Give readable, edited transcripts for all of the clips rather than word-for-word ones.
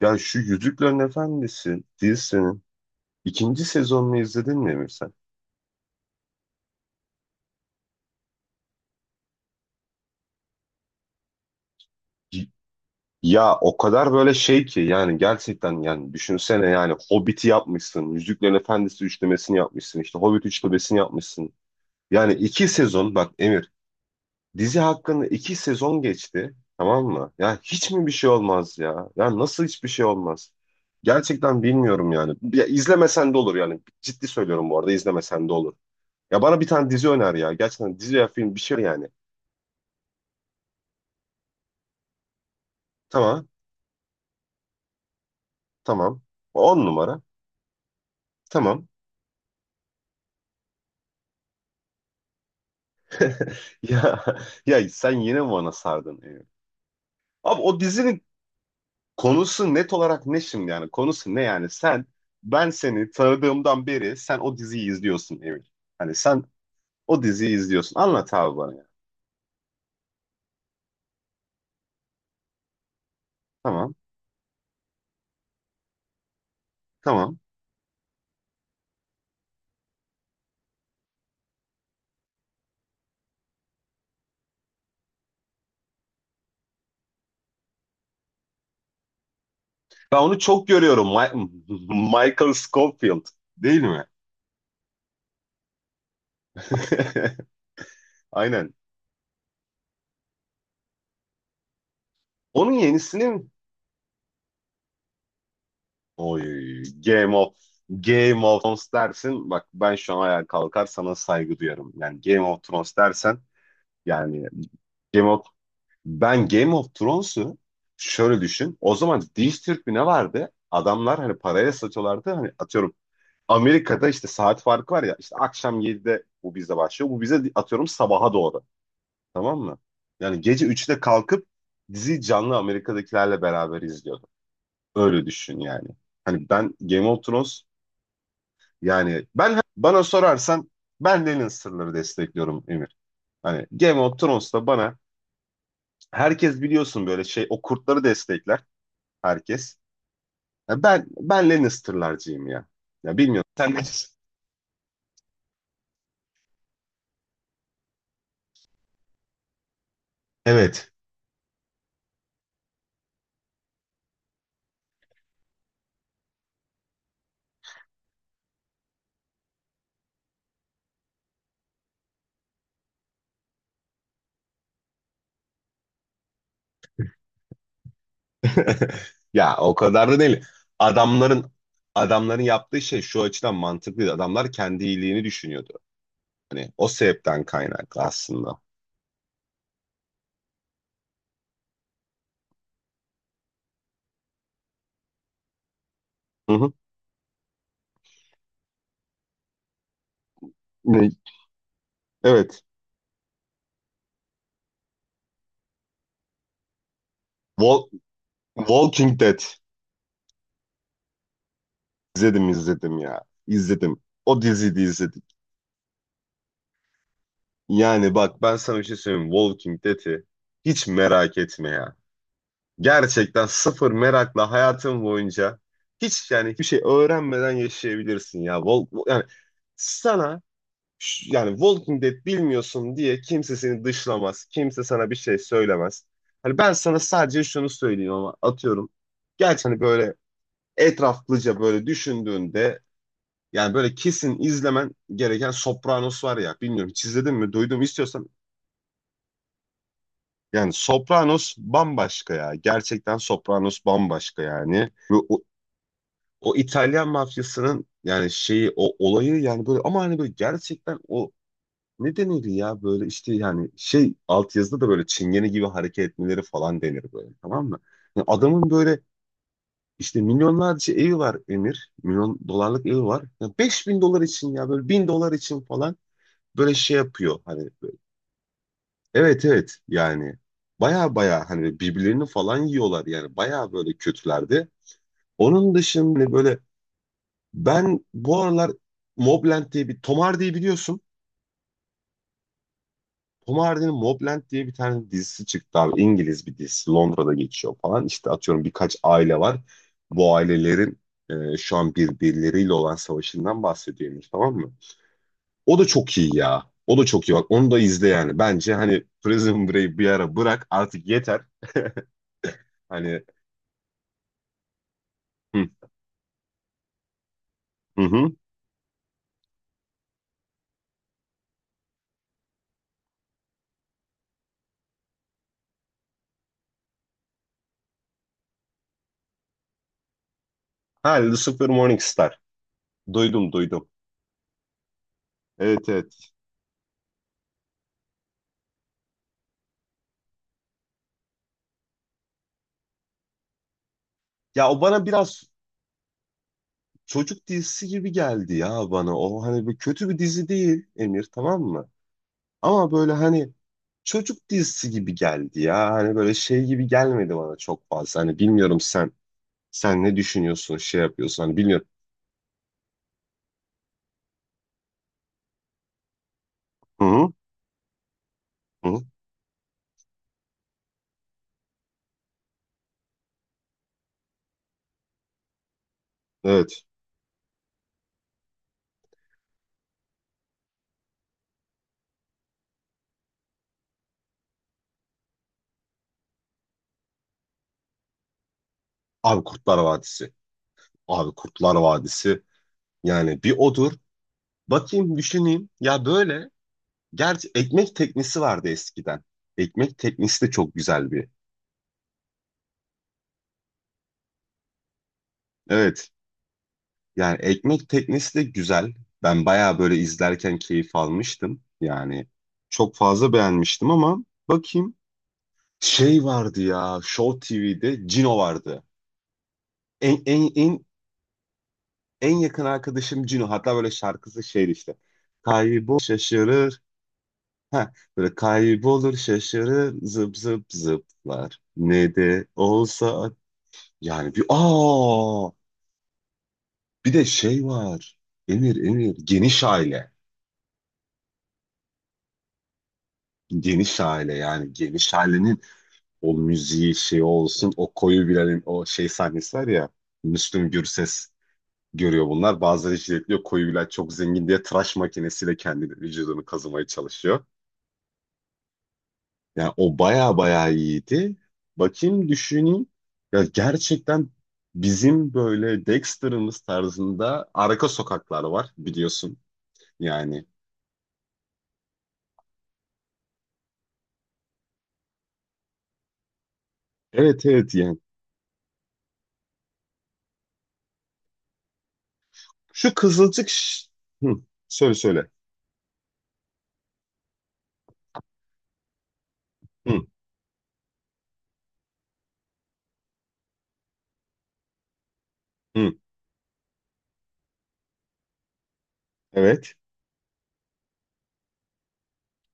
Ya şu Yüzüklerin Efendisi dizisinin ikinci sezonunu izledin mi Emir sen? Y- Ya o kadar böyle şey ki yani gerçekten yani düşünsene yani Hobbit'i yapmışsın, Yüzüklerin Efendisi üçlemesini yapmışsın, işte Hobbit üçlemesini yapmışsın. Yani iki sezon bak Emir, dizi hakkında iki sezon geçti, tamam mı? Ya hiç mi bir şey olmaz ya? Ya nasıl hiçbir şey olmaz? Gerçekten bilmiyorum yani. Ya izlemesen de olur yani. Ciddi söylüyorum, bu arada izlemesen de olur. Ya bana bir tane dizi öner ya. Gerçekten dizi ya film bir şey yani. Tamam. Tamam. On numara. Tamam. Ya ya sen yine mi bana sardın, ya? Abi o dizinin konusu net olarak ne şimdi yani? Konusu ne yani? Ben seni tanıdığımdan beri sen o diziyi izliyorsun Emir. Hani sen o diziyi izliyorsun. Anlat abi bana ya. Tamam. Tamam. Ben onu çok görüyorum. Michael Scofield değil mi? Aynen. Onun yenisini Oy, Game of Game of Thrones dersin. Bak ben şu an ayağa kalkar sana saygı duyarım. Yani Game of Thrones dersen yani Game of ben Game of Thrones'u şöyle düşün. O zaman Diz Türk ne vardı? Adamlar hani paraya satıyorlardı. Hani atıyorum Amerika'da işte saat farkı var ya, işte akşam 7'de bu bize başlıyor. Bu bize atıyorum sabaha doğru. Tamam mı? Yani gece 3'te kalkıp dizi canlı Amerika'dakilerle beraber izliyordu. Öyle düşün yani. Hani ben Game of Thrones Yani ben bana sorarsan ben Lenin sırları destekliyorum Emir. Hani Game of Thrones'ta bana herkes biliyorsun böyle şey o kurtları destekler herkes. Ya ben Lannister'larcıyım ya. Ya bilmiyorum. Evet. Ya o kadar da değil. Adamların adamların yaptığı şey şu açıdan mantıklıydı. Adamlar kendi iyiliğini düşünüyordu. Hani o sebepten kaynaklı aslında. Hı hı. Ne? Evet. Wal- Walking Dead. İzledim izledim ya. İzledim. O diziyi de izledik. Yani bak ben sana bir şey söyleyeyim. Walking Dead'i hiç merak etme ya. Gerçekten sıfır merakla hayatın boyunca hiç yani hiçbir şey öğrenmeden yaşayabilirsin ya. Yani sana yani Walking Dead bilmiyorsun diye kimse seni dışlamaz. Kimse sana bir şey söylemez. Hani ben sana sadece şunu söyleyeyim ama atıyorum. Gerçi hani böyle etraflıca böyle düşündüğünde yani böyle kesin izlemen gereken Sopranos var ya. Bilmiyorum, hiç izledin mi? Duydum istiyorsan. Yani Sopranos bambaşka ya. Gerçekten Sopranos bambaşka yani. Ve o İtalyan mafyasının yani şeyi o olayı yani böyle ama hani böyle gerçekten o ne denir ya böyle işte yani şey altyazıda da böyle çingene gibi hareket etmeleri falan denir böyle, tamam mı? Yani adamın böyle işte milyonlarca evi var Emir. Milyon dolarlık evi var. Ya 5.000 dolar için ya böyle 1.000 dolar için falan böyle şey yapıyor hani böyle, evet evet yani baya baya hani birbirlerini falan yiyorlar yani baya böyle kötülerdi. Onun dışında hani böyle ben bu aralar Mobland diye bir, Tom Hardy'yi biliyorsun. Tom Hardy'nin Mobland diye bir tane dizisi çıktı abi. İngiliz bir dizisi. Londra'da geçiyor falan. İşte atıyorum birkaç aile var. Bu ailelerin şu an birbirleriyle olan savaşından bahsediyormuş, tamam mı? O da çok iyi ya. O da çok iyi bak. Onu da izle yani. Bence hani Prison Break bir ara bırak artık, yeter. Hani hı hı. Hı. Ha, Lucifer Morningstar. Duydum duydum. Evet evet. Ya o bana biraz çocuk dizisi gibi geldi ya bana. O hani bir kötü bir dizi değil Emir, tamam mı? Ama böyle hani çocuk dizisi gibi geldi ya. Hani böyle şey gibi gelmedi bana çok fazla. Hani bilmiyorum sen, sen ne düşünüyorsun, şey yapıyorsun. Hani bilmiyorum. Hı hı. Hı. Evet. Abi Kurtlar Vadisi. Abi Kurtlar Vadisi yani bir odur. Bakayım düşüneyim. Ya böyle gerçi ekmek teknesi vardı eskiden. Ekmek teknesi de çok güzel bir. Evet. Yani ekmek teknesi de güzel. Ben bayağı böyle izlerken keyif almıştım. Yani çok fazla beğenmiştim ama bakayım. Şey vardı ya Show TV'de Cino vardı. En, en, en, en yakın arkadaşım Cino. Hatta böyle şarkısı şeydi işte. Kaybol şaşırır. Ha, böyle kaybolur şaşırır zıp zıp zıplar. Ne de olsa yani bir de şey var. Emir, geniş aile. Geniş aile yani geniş ailenin o müziği şey olsun, o koyu Bilal'in o şey sahnesi var ya, Müslüm Gürses görüyor bunlar. Bazıları jiletliyor, koyu Bilal çok zengin diye tıraş makinesiyle kendi vücudunu kazımaya çalışıyor. Yani o baya baya iyiydi. Bakayım düşüneyim. Ya gerçekten bizim böyle Dexter'ımız tarzında arka sokaklar var biliyorsun. Yani evet evet yani. Şu Kızılcık Ş- Hı, söyle söyle. Hı, hı, evet.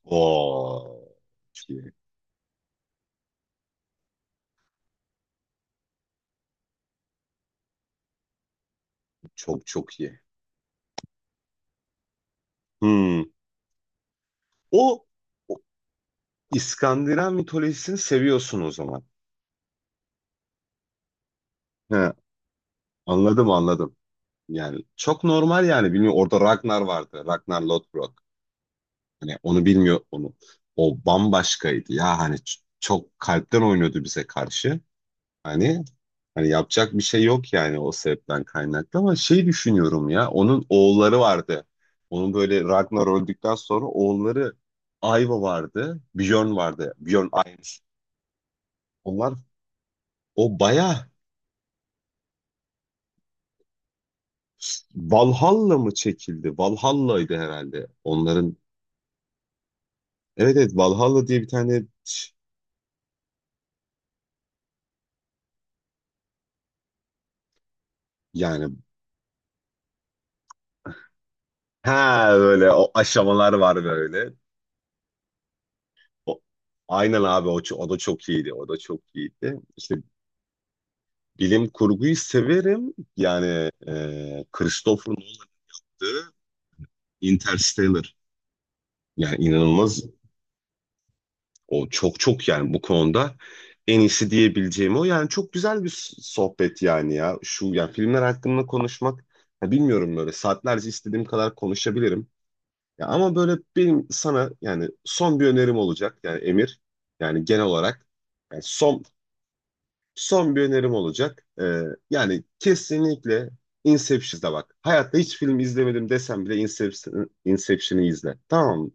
Oo, çok iyi. Çok çok iyi. Hı. O, o İskandinav mitolojisini seviyorsun o zaman. He, anladım anladım. Yani çok normal yani bilmiyorum orada Ragnar vardı. Ragnar Lothbrok. Hani onu bilmiyor onu. O bambaşkaydı ya hani çok kalpten oynuyordu bize karşı. Hani hani yapacak bir şey yok yani o sebepten kaynaklı ama şey düşünüyorum ya onun oğulları vardı. Onun böyle Ragnar öldükten sonra oğulları Aiva vardı, Bjorn vardı. Bjorn Aims. Onlar o baya Valhalla mı çekildi? Valhalla'ydı herhalde. Onların evet evet Valhalla diye bir tane ç- yani. Ha, böyle o aşamalar var böyle. O- Aynen abi o da çok iyiydi. O da çok iyiydi. İşte bilim kurguyu severim. Yani Christopher Nolan'dı. Interstellar. Yani inanılmaz. O çok çok yani bu konuda en iyisi diyebileceğim o. Yani çok güzel bir sohbet yani ya. Şu yani filmler hakkında konuşmak ya bilmiyorum böyle saatlerce istediğim kadar konuşabilirim. Ya ama böyle benim sana yani son bir önerim olacak. Yani Emir yani genel olarak yani son Son bir önerim olacak. Yani kesinlikle Inception'a bak. Hayatta hiç film izlemedim desem bile Inception, Inception'ı izle. Tamam mı?